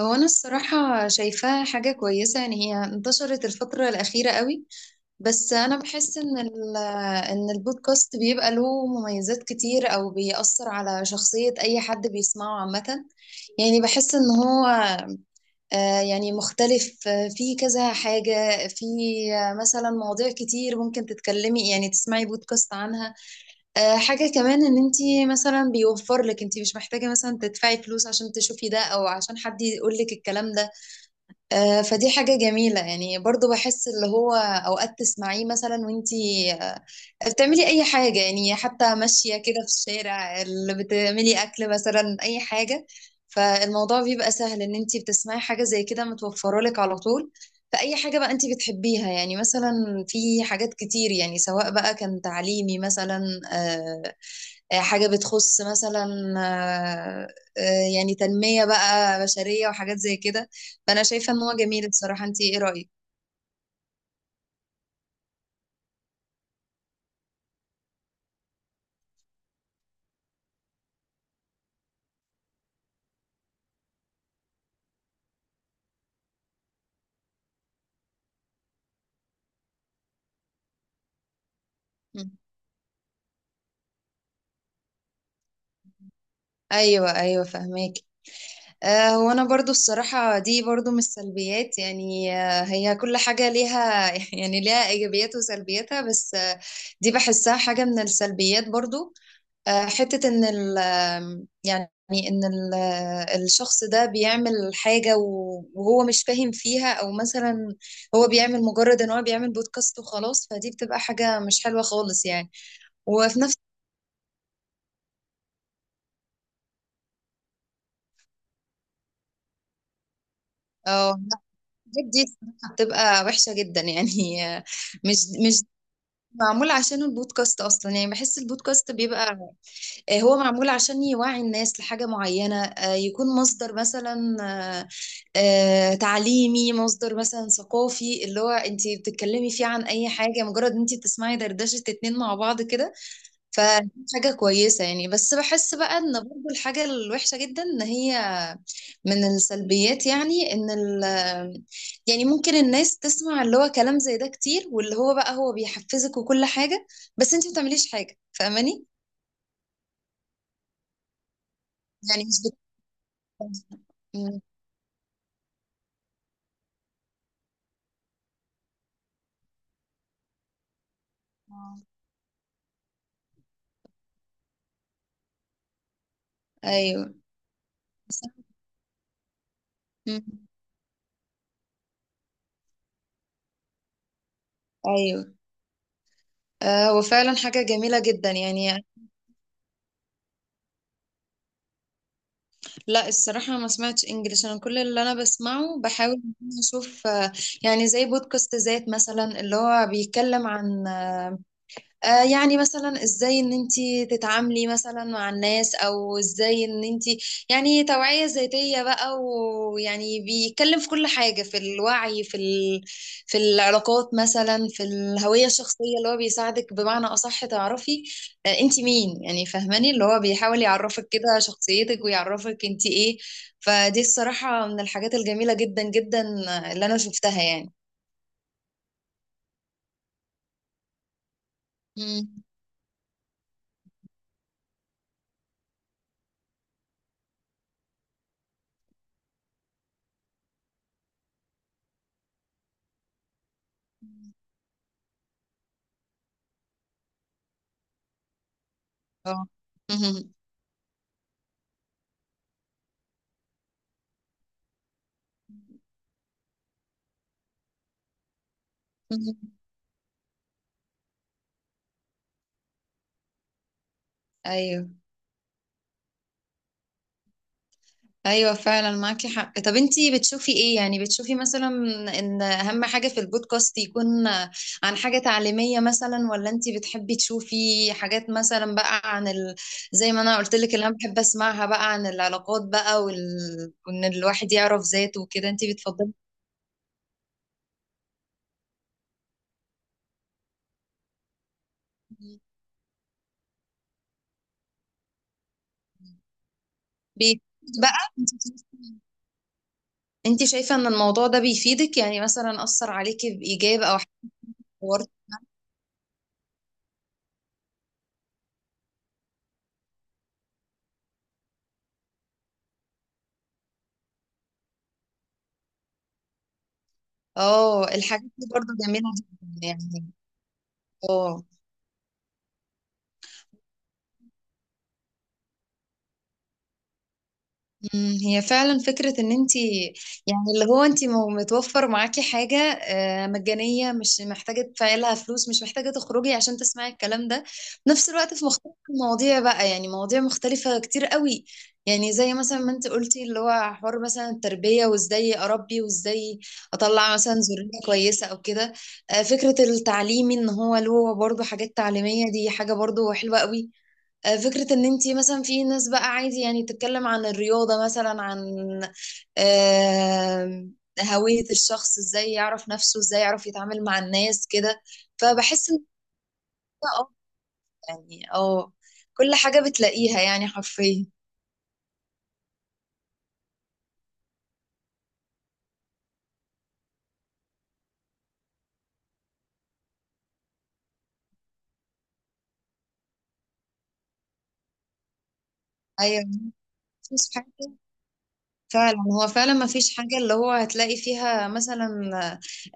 هو أنا الصراحة شايفاها حاجة كويسة، يعني هي انتشرت الفترة الأخيرة قوي. بس أنا بحس إن البودكاست بيبقى له مميزات كتير أو بيأثر على شخصية أي حد بيسمعه عامة. يعني بحس إن هو يعني مختلف، في كذا حاجة في، مثلا مواضيع كتير ممكن تتكلمي يعني تسمعي بودكاست عنها. حاجة كمان إن أنتي مثلا بيوفر لك، أنتي مش محتاجة مثلا تدفعي فلوس عشان تشوفي ده أو عشان حد يقول لك الكلام ده. فدي حاجة جميلة يعني، برضو بحس اللي هو أوقات تسمعيه مثلا وانتي بتعملي أي حاجة، يعني حتى ماشية كده في الشارع، اللي بتعملي أكل مثلا، أي حاجة. فالموضوع بيبقى سهل إن انتي بتسمعي حاجة زي كده متوفرة لك على طول، فأي حاجة بقى انتي بتحبيها، يعني مثلا في حاجات كتير، يعني سواء بقى كان تعليمي مثلا، آه، حاجة بتخص مثلا، آه، يعني تنمية بقى بشرية وحاجات زي كده. فأنا شايفة إن هو جميل، بصراحة أنت إيه رأيك؟ مم. أيوة أيوة، فهماك. هو أنا برضو الصراحة دي برضو من السلبيات، يعني هي كل حاجة ليها يعني ليها إيجابيات وسلبياتها، بس دي بحسها حاجة من السلبيات برضو. حتة إن ال يعني إن ال آه، الشخص ده بيعمل حاجة وهو مش فاهم فيها، أو مثلا هو بيعمل مجرد إن هو بيعمل بودكاست وخلاص، فدي بتبقى حاجة مش حلوة خالص يعني. وفي نفس اه لا، الحاجات دي الصراحة بتبقى وحشة جدا، يعني مش مش معمول عشان البودكاست أصلا. يعني بحس البودكاست بيبقى هو معمول عشان يوعي الناس لحاجة معينة، يكون مصدر مثلا، تعليمي، مصدر مثلا ثقافي، اللي هو انت بتتكلمي فيه عن اي حاجة، مجرد انت بتسمعي دردشة اتنين مع بعض كده. فحاجة كويسة يعني، بس بحس بقى ان برضو الحاجة الوحشة جدا ان هي من السلبيات، يعني ان ال آه، يعني ممكن الناس تسمع اللي هو كلام زي ده كتير، واللي هو بقى هو بيحفزك وكل حاجة، بس انت ما بتعمليش حاجة، فاهماني؟ يعني مش بت... آه. ايوه. مم. ايوه. آه، هو فعلا حاجة جميلة جدا يعني. لا الصراحة ما سمعتش انجليش، انا كل اللي انا بسمعه بحاول إن أنا اشوف، يعني زي بودكاست ذات مثلا، اللي هو بيتكلم عن يعني مثلا ازاي ان انتي تتعاملي مثلا مع الناس، او ازاي ان انتي، يعني توعية ذاتية بقى، ويعني بيتكلم في كل حاجة، في الوعي، في العلاقات مثلا، في الهوية الشخصية، اللي هو بيساعدك بمعنى اصح تعرفي انتي مين، يعني فاهماني، اللي هو بيحاول يعرفك كده شخصيتك ويعرفك انتي ايه. فدي الصراحة من الحاجات الجميلة جدا جدا اللي انا شفتها يعني. مم. اه. ايوه ايوه، فعلا معاكي حق. طب انتي بتشوفي ايه، يعني بتشوفي مثلا ان اهم حاجة في البودكاست يكون عن حاجة تعليمية مثلا، ولا انتي بتحبي تشوفي حاجات مثلا بقى زي ما انا قلت لك، اللي انا بحب اسمعها بقى عن العلاقات بقى وان الواحد يعرف ذاته وكده، انتي بتفضلي بي... بقى انتي شايفة ان الموضوع ده بيفيدك، يعني مثلا اثر عليكي بايجاب او حوار؟ اه، الحاجات دي برضه جميلة جدا يعني. اه. مم، هي فعلا فكرة ان انت، يعني اللي هو انت متوفر معاكي حاجة مجانية، مش محتاجة تدفعي لها فلوس، مش محتاجة تخرجي عشان تسمعي الكلام ده، في نفس الوقت في مختلف المواضيع بقى، يعني مواضيع مختلفة كتير قوي. يعني زي مثلا ما انت قلتي، اللي هو حوار مثلا التربية، وازاي اربي، وازاي اطلع مثلا ذرية كويسة او كده. فكرة التعليمي ان هو له برضه حاجات تعليمية، دي حاجة برضه حلوة قوي. فكرة ان انتي مثلا في ناس بقى عادي يعني تتكلم عن الرياضة مثلا، عن آه، هوية الشخص، ازاي يعرف نفسه، ازاي يعرف يتعامل مع الناس كده. فبحس ان أنا يعني كل حاجة بتلاقيها يعني حرفيا. ايوه، مفيش حاجة. فعلا هو، فعلا ما فيش حاجة اللي هو هتلاقي فيها مثلا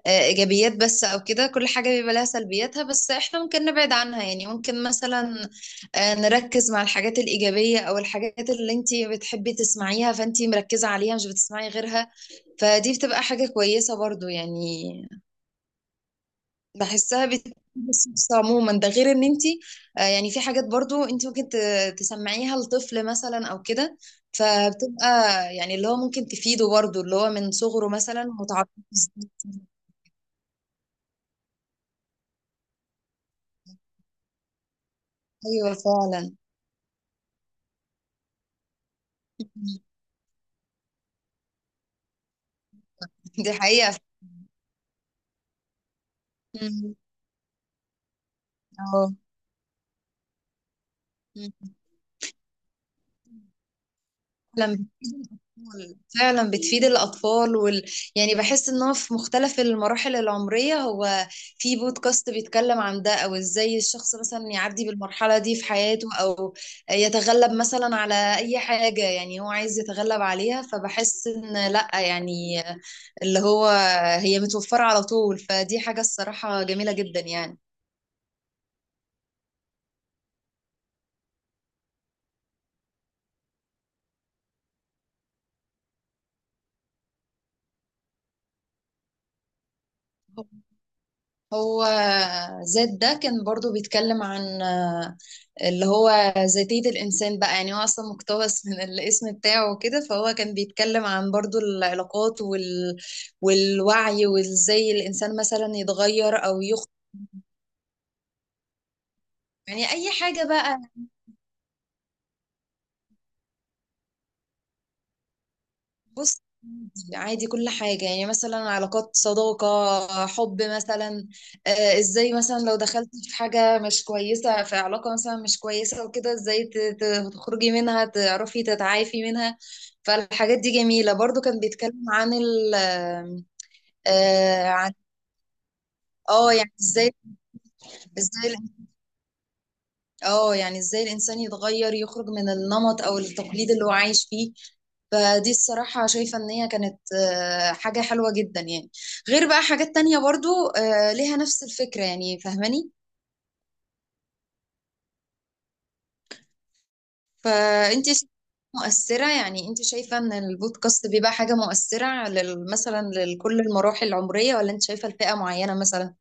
إيجابيات بس أو كده، كل حاجة بيبقى لها سلبياتها، بس إحنا ممكن نبعد عنها، يعني ممكن مثلا نركز مع الحاجات الإيجابية أو الحاجات اللي أنتي بتحبي تسمعيها، فأنتي مركزة عليها مش بتسمعي غيرها، فدي بتبقى حاجة كويسة برضو يعني. بحسها بس عموما ده غير ان انت يعني في حاجات برضو انت ممكن تسمعيها لطفل مثلا او كده، فبتبقى يعني اللي هو ممكن تفيده برضو، اللي هو من صغره مثلا متعرف إزاي. ايوه فعلا. دي حقيقة. مم. اه. فعلا بتفيد فعلا بتفيد الأطفال يعني بحس إن هو في مختلف المراحل العمرية، هو في بودكاست بيتكلم عن ده، أو إزاي الشخص مثلا يعدي بالمرحلة دي في حياته، أو يتغلب مثلا على أي حاجة يعني هو عايز يتغلب عليها، فبحس إن لأ يعني اللي هو هي متوفرة على طول، فدي حاجة الصراحة جميلة جدا يعني. هو ذات ده كان برضو بيتكلم عن اللي هو ذاتية الإنسان بقى، يعني هو أصلا مقتبس من الاسم بتاعه وكده. فهو كان بيتكلم عن برضو العلاقات والوعي، وإزاي الإنسان مثلا يتغير أو يخطئ. يعني أي حاجة بقى، بص عادي عادي، كل حاجة، يعني مثلا علاقات صداقة حب مثلا، ازاي مثلا لو دخلت في حاجة مش كويسة، في علاقة مثلا مش كويسة وكده، ازاي تخرجي منها، تعرفي تتعافي منها. فالحاجات دي جميلة، برضو كان بيتكلم عن ال آه، عن اه يعني ازاي ازاي اه يعني ازاي الانسان يتغير، يخرج من النمط او التقليد اللي هو عايش فيه. فدي الصراحة شايفة ان هي كانت حاجة حلوة جدا يعني، غير بقى حاجات تانية برضو ليها نفس الفكرة، يعني فاهماني. فانت شايفة مؤثرة، يعني انت شايفة ان البودكاست بيبقى حاجة مؤثرة مثلا لكل المراحل العمرية، ولا انت شايفة لفئة معينة مثلا؟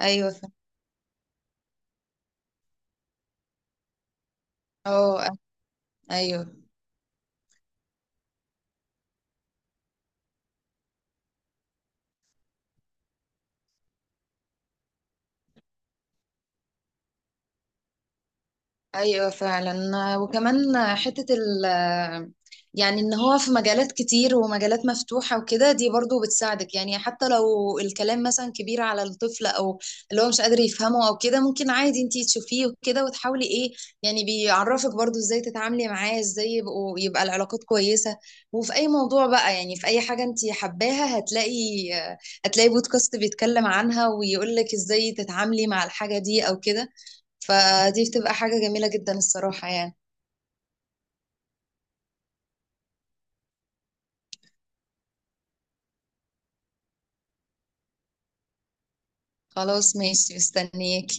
ايوه فاهمة. اه. ايوه ايوه، فعلا. وكمان حتة ال يعني ان هو في مجالات كتير ومجالات مفتوحة وكده، دي برضو بتساعدك، يعني حتى لو الكلام مثلا كبير على الطفل او اللي هو مش قادر يفهمه او كده، ممكن عادي انتي تشوفيه وكده، وتحاولي ايه يعني، بيعرفك برضو ازاي تتعاملي معاه، ازاي يبقى العلاقات كويسة. وفي اي موضوع بقى، يعني في اي حاجة انتي حباها، هتلاقي بودكاست بيتكلم عنها، ويقولك ازاي تتعاملي مع الحاجة دي او كده، فدي بتبقى حاجة جميلة جدا الصراحة يعني. خلاص ماشي، مستنيك.